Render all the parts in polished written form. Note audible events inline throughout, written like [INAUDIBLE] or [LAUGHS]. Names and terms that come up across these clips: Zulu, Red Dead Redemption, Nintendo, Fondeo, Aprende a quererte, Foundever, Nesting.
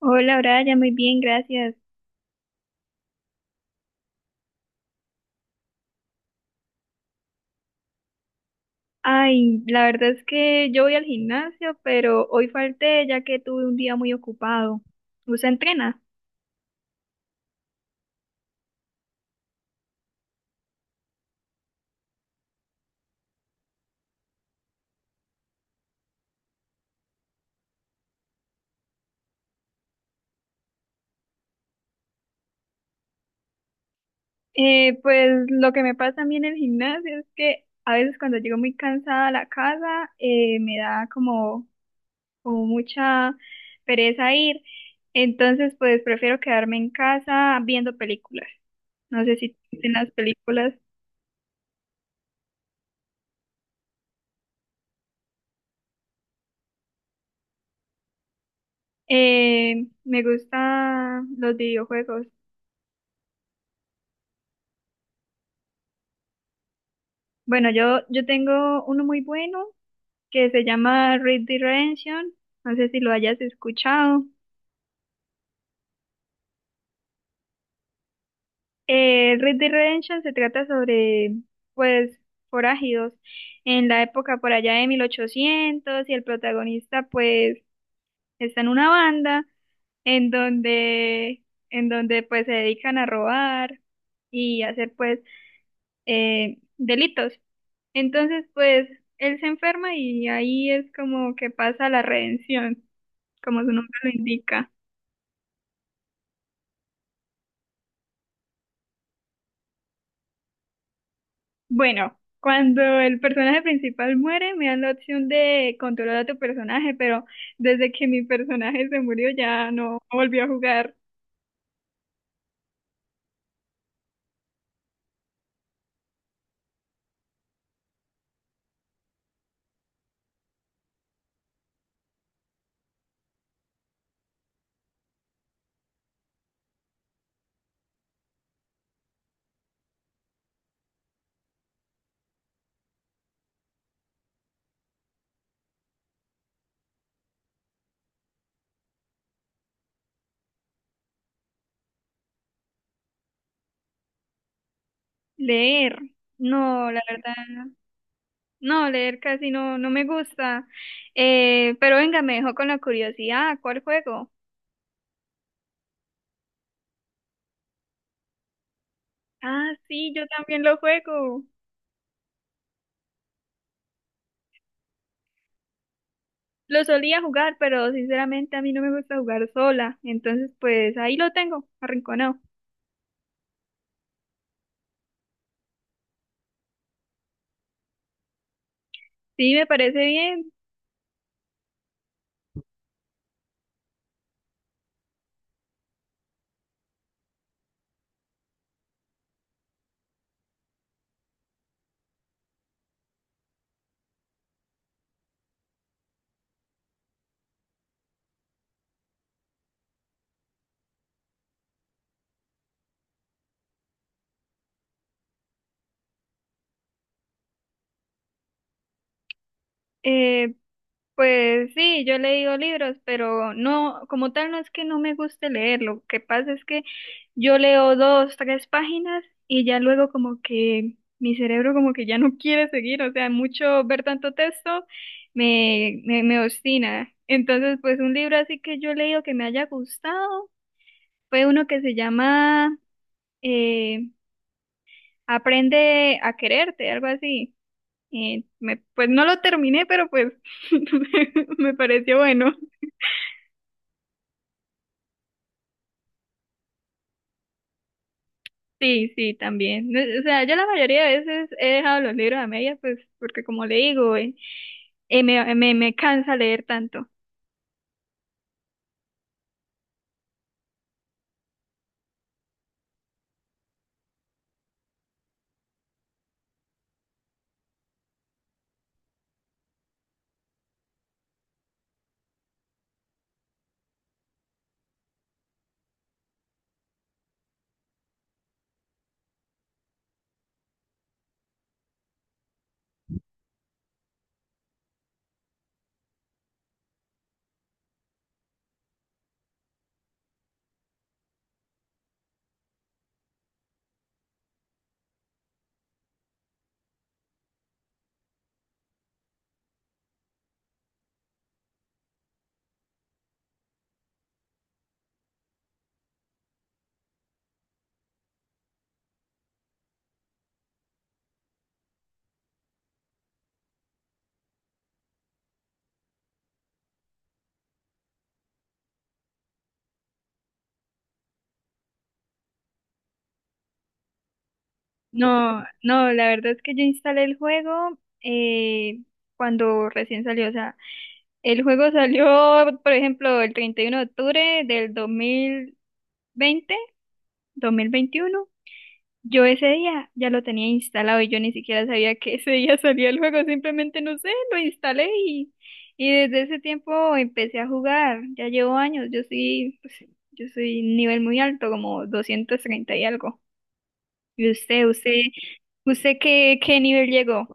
Hola, Brian, muy bien, gracias. Ay, la verdad es que yo voy al gimnasio, pero hoy falté ya que tuve un día muy ocupado. ¿Usted entrena? Pues lo que me pasa a mí en el gimnasio es que a veces cuando llego muy cansada a la casa, me da como mucha pereza ir. Entonces, pues prefiero quedarme en casa viendo películas. No sé si en las películas. Me gustan los videojuegos. Bueno, yo tengo uno muy bueno que se llama Red Dead Redemption. No sé si lo hayas escuchado. Red Dead Redemption se trata sobre, pues, forajidos en la época por allá de 1800, y el protagonista, pues, está en una banda en donde, pues, se dedican a robar y hacer, pues, delitos. Entonces, pues, él se enferma y ahí es como que pasa la redención, como su nombre lo indica. Bueno, cuando el personaje principal muere, me dan la opción de controlar a tu personaje, pero desde que mi personaje se murió ya no volvió a jugar. Leer, no, la verdad, no, leer casi no, no me gusta. Pero venga, me dejó con la curiosidad, ¿cuál juego? Ah, sí, yo también lo juego. Lo solía jugar, pero sinceramente a mí no me gusta jugar sola, entonces pues ahí lo tengo, arrinconado. Sí, me parece bien. Eh, Pues sí, yo he leído libros, pero no, como tal no es que no me guste leer, lo que pasa es que yo leo dos, tres páginas y ya luego como que mi cerebro como que ya no [LAUGHS] quiere seguir, o sea, mucho ver tanto texto me obstina. Entonces, pues un libro así que yo he leído que me haya gustado fue uno que se llama eh, Aprende a quererte, algo así. Pues no lo terminé, pero pues [LAUGHS] me pareció bueno. Sí, sí, también. No, o sea, yo la mayoría de veces he dejado los libros a medias, pues, porque como le digo, me cansa leer tanto. No, no, la verdad es que yo instalé el juego eh, cuando recién salió. O sea, el juego salió, por ejemplo, el 31 de octubre del veinte 2021. Yo ese día ya lo tenía instalado y yo ni siquiera sabía que ese día salía el juego, simplemente no sé, lo instalé y desde ese tiempo empecé a jugar, ya llevo años. Yo soy, pues, yo soy nivel muy alto, como 230 y algo. ¿Y usted qué nivel llegó?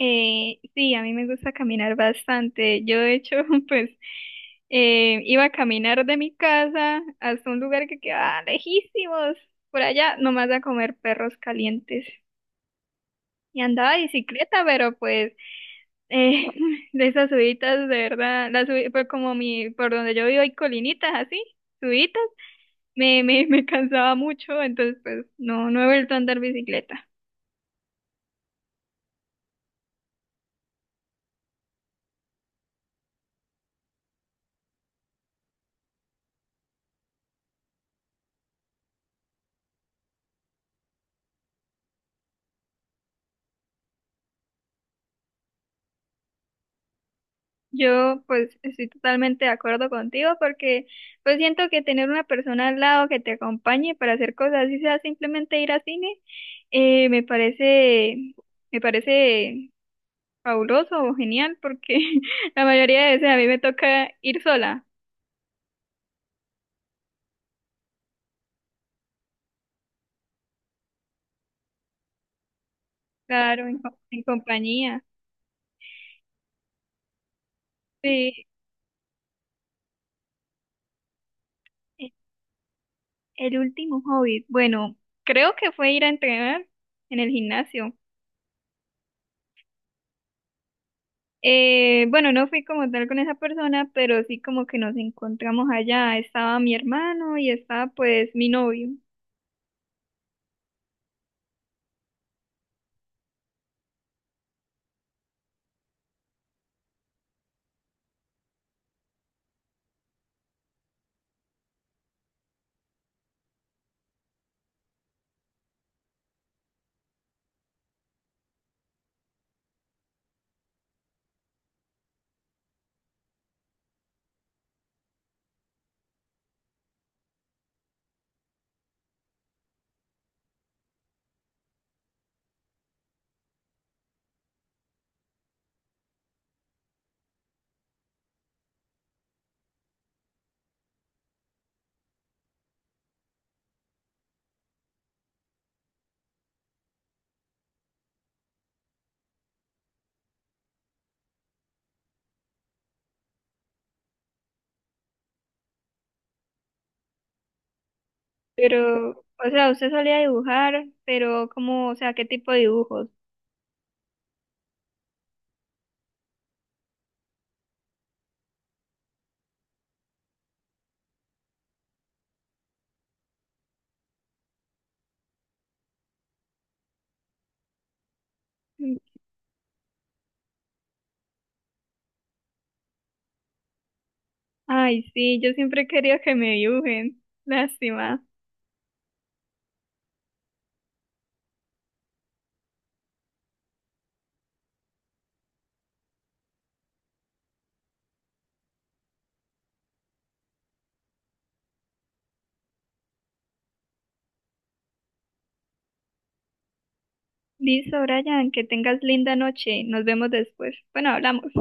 Sí, a mí me gusta caminar bastante. Yo, de hecho, [LAUGHS] pues iba a caminar de mi casa hasta un lugar que quedaba lejísimos, por allá, nomás a comer perros calientes. Y andaba de bicicleta, pero pues eh, [LAUGHS] de esas subidas, de verdad, pues, como mi, por donde yo vivo hay colinitas así, subidas, [LAUGHS] me cansaba mucho, entonces pues no, no he vuelto a andar bicicleta. Yo pues estoy totalmente de acuerdo contigo porque pues siento que tener una persona al lado que te acompañe para hacer cosas, así sea simplemente ir al cine, eh, me parece, me parece fabuloso o genial porque [LAUGHS] la mayoría de veces a mí me toca ir sola, claro, en compañía. Sí, e- el último hobby, bueno, creo que fue ir a entrenar en el gimnasio. Bueno, no fui como tal con esa persona, pero sí como que nos encontramos allá. Estaba mi hermano y estaba pues mi novio. Pero, o sea, usted solía dibujar, pero como, o sea, ¿qué tipo de dibujos? Ay, sí, yo siempre quería que me dibujen. Lástima. Listo, Brian, que tengas linda noche. Nos vemos después. Bueno, hablamos.